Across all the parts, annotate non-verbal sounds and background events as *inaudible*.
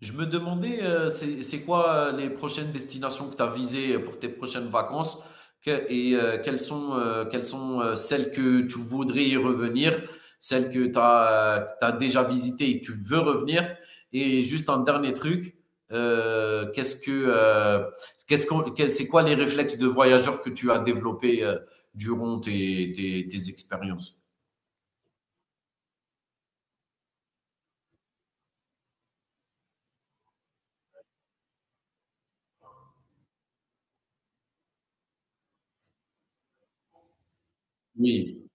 Je me demandais, c'est quoi les prochaines destinations que tu as visées pour tes prochaines vacances quelles sont celles que tu voudrais y revenir, celles que tu as, déjà visitées et que tu veux revenir. Et juste un dernier truc, euh, qu'est-ce que, euh, c'est quoi les réflexes de voyageurs que tu as développés durant tes expériences? Oui,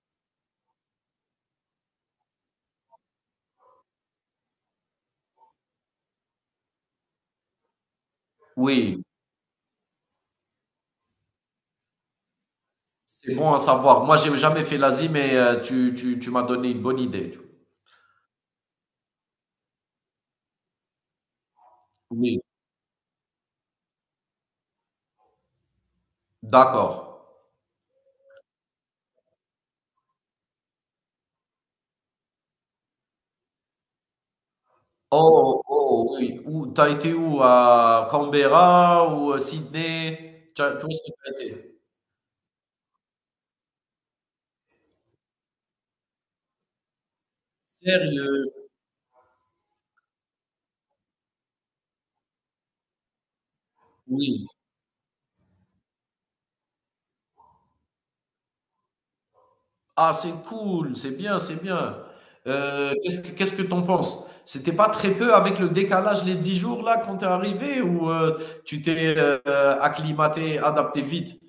oui. C'est bon à savoir. Moi, j'ai jamais fait l'Asie, mais tu m'as donné une bonne idée. Oui, d'accord. Oh, oh oui. Où t'as été où? À Canberra ou, Sydney? Tu as tu où est-ce que tu été? Sérieux? Oui. Ah, c'est cool, c'est bien, c'est bien. Qu'est-ce que tu penses? C'était pas très peu avec le décalage, les 10 jours là quand t'es arrivé tu t'es, heu, acclimaté, adapté vite?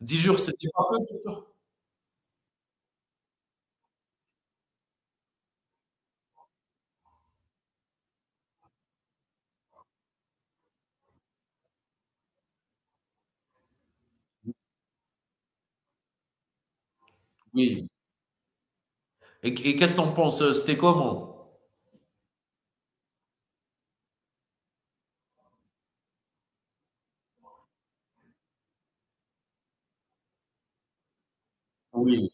10 jours, c'était pas peu pour toi? Oui. Et qu'est-ce que t'en penses? C'était comment? Oui.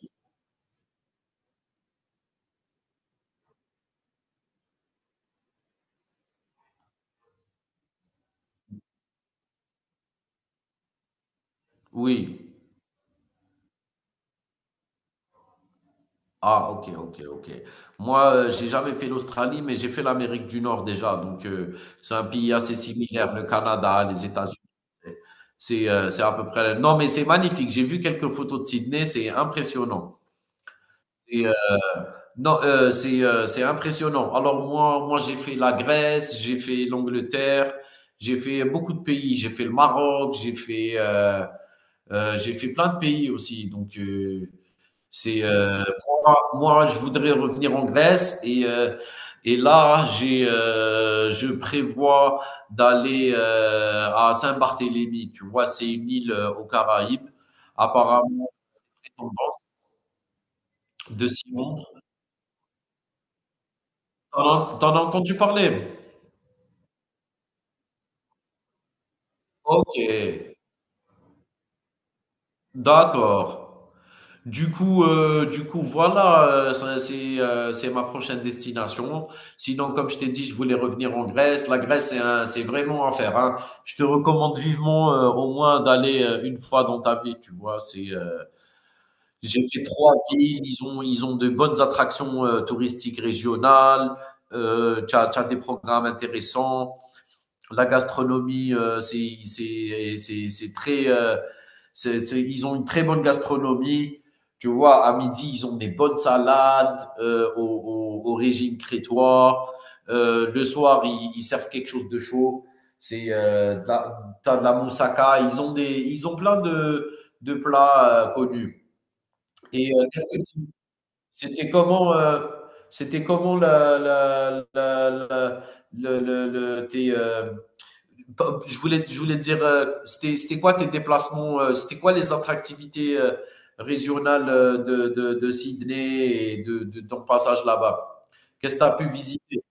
Oui. Ah, ok, ok, ok. Moi, j'ai jamais fait l'Australie, mais j'ai fait l'Amérique du Nord déjà. Donc, c'est un pays assez similaire, le Canada, les États-Unis. C'est à peu près. Non, mais c'est magnifique. J'ai vu quelques photos de Sydney, c'est impressionnant. Et, non, c'est impressionnant. Alors moi j'ai fait la Grèce, j'ai fait l'Angleterre, j'ai fait beaucoup de pays. J'ai fait le Maroc, j'ai fait plein de pays aussi. Donc, c'est moi, je voudrais revenir en Grèce et là, j'ai je prévois d'aller à Saint-Barthélemy. Tu vois, c'est une île aux Caraïbes, apparemment dépendante de Simon. T'en t'en as entendu parler? Ok, d'accord. Du coup, voilà, ça, c'est ma prochaine destination. Sinon, comme je t'ai dit, je voulais revenir en Grèce. La Grèce, c'est vraiment à faire, hein. Je te recommande vivement au moins d'aller une fois dans ta vie. Tu vois, c'est j'ai fait trois villes. Ils ont de bonnes attractions touristiques régionales. T'as des programmes intéressants. La gastronomie, c'est très. Ils ont une très bonne gastronomie. Tu vois, à midi, ils ont des bonnes salades au régime crétois. Le soir, ils servent quelque chose de chaud. C'est euh, de la- t'as de la moussaka. Ils ont plein de plats connus. Et euh, qu'est-ce que tu- c'était comment, euh, c'était comment la, la, la, la- le- tes, je voulais te dire, c'était quoi tes déplacements, c'était quoi les attractivités régionales de Sydney et de ton passage là-bas? Qu'est-ce que tu as pu visiter?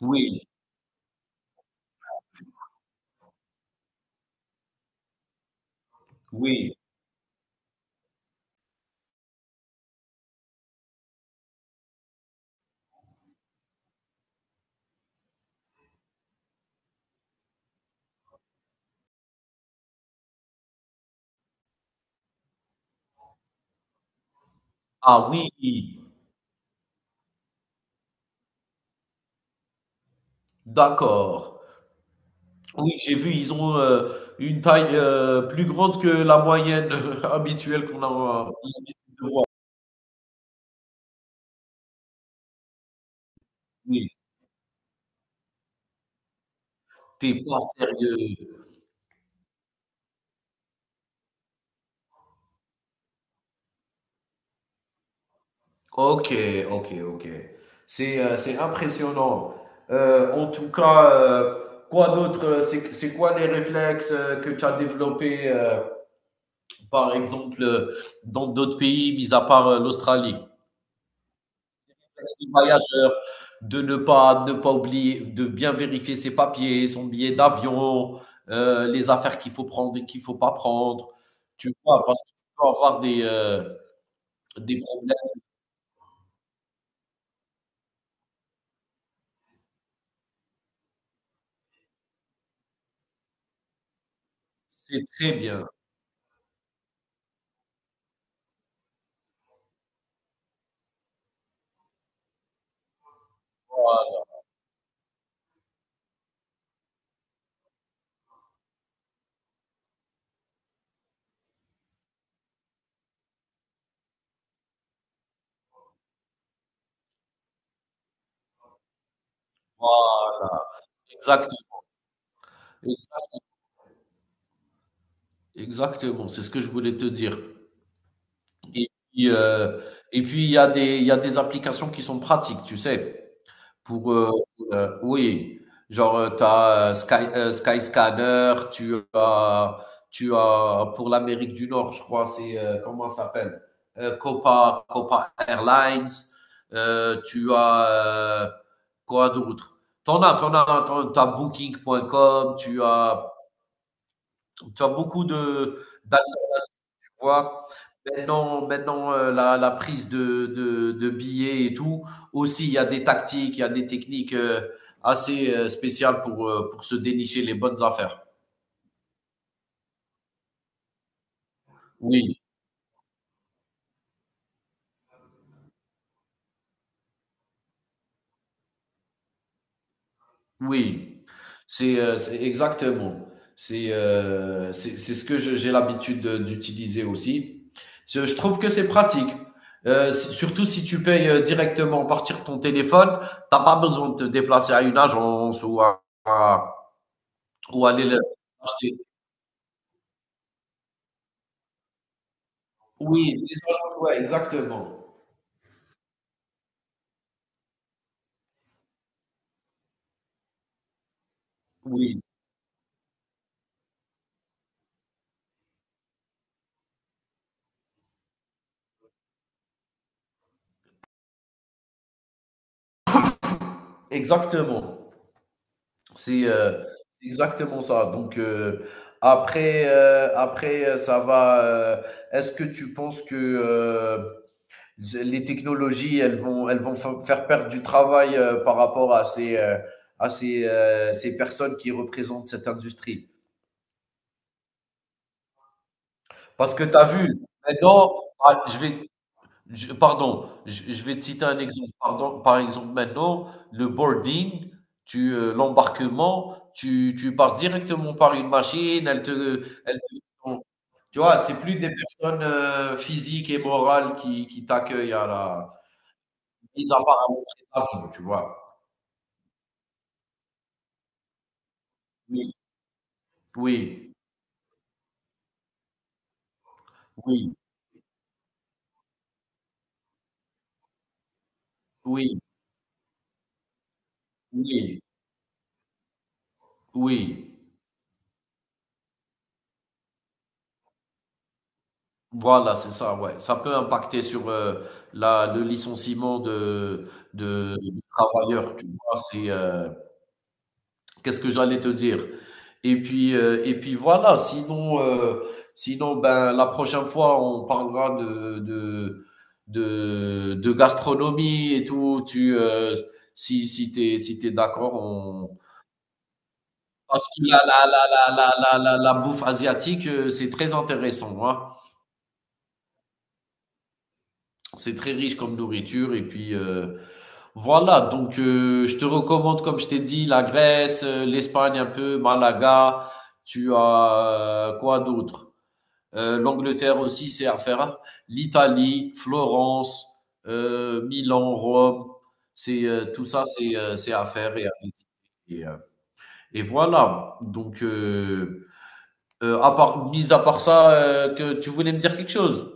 Oui, oui. Ah oui, d'accord. Oui, j'ai vu, ils ont une taille plus grande que la moyenne *laughs* habituelle qu'on a. Oui, t'es pas sérieux. Ok, ok, ok. C'est impressionnant. En tout cas, quoi d'autre? C'est quoi les réflexes que tu as développés, par exemple, dans d'autres pays, mis à part l'Australie? Réflexe du voyageur, de ne pas, ne pas oublier, de bien vérifier ses papiers, son billet d'avion, les affaires qu'il faut prendre et qu'il faut pas prendre. Tu vois, parce que tu peux avoir des problèmes. C'est très bien. Voilà, voilà, exact. Exactement, c'est ce que je voulais te dire. Et puis, heu, et puis il y a des applications qui sont pratiques, tu sais? Pour, heu, oui, tu as, Skyscanner, tu as pour l'Amérique du Nord, je crois, comment ça s'appelle? Copa Airlines, tu as, quoi d'autre? T'en as t'en as t'en en tu as Booking.com, tu as beaucoup de vois? Maintenant, la prise de billets et tout, aussi il y a des techniques, assez, spéciales pour se dénicher les bonnes affaires. Oui, oui. C'est exactement. C'est ce que je j'ai l'habitude de d'utiliser aussi. Ce je trouve que c'est pratique, s surtout si tu payes, directement à partir de ton téléphone, t'as pas besoin de te déplacer à une agence ou à ou aller le. Oui, les agents ouais, exactement. Oui, exactement. C'est, heu, c'est exactement ça. Ça va, heu, est-ce que tu penses que, les technologies, elles vont fa faire perdre du travail, par rapport à à ces personnes qui représentent cette industrie? Parce que tu as vu, maintenant, ah, je vais Je pardon, je vais te citer un exemple. Pardon, par exemple, maintenant, le boarding, l'embarquement, tu passes directement par une machine, elle te tu vois? C'est plus des personnes, physiques et morales qui t'accueillent à la mis à part à l'entrée l'avion, tu vois? Oui, oui, oui, oui, oui. oui. Voilà, c'est ça, ouais. Ça peut impacter sur, la le licenciement de travailleurs, tu vois? Qu'est-ce que j'allais te dire? Et puis voilà, sinon, ben, la prochaine fois, on parlera de gastronomie et tout. Si si tu es si t'es d'accord, on parce que la bouffe asiatique, c'est très intéressant, hein. C'est très riche comme nourriture et puis, voilà donc, je te recommande, comme je t'ai dit, la Grèce, l'Espagne un peu, Malaga. Tu as quoi d'autre? L'Angleterre aussi, c'est à faire, hein. L'Italie, Florence, Milan, Rome, c'est tout ça, c'est à faire et à visiter. Et, euh, et voilà. À part, mis à part ça, que tu voulais me dire quelque chose?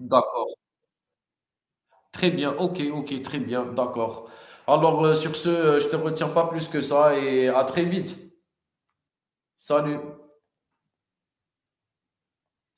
D'accord. Très bien. Ok, ok, très bien. D'accord. Alors, sur ce, je te retiens pas plus que ça et à très vite. Salut.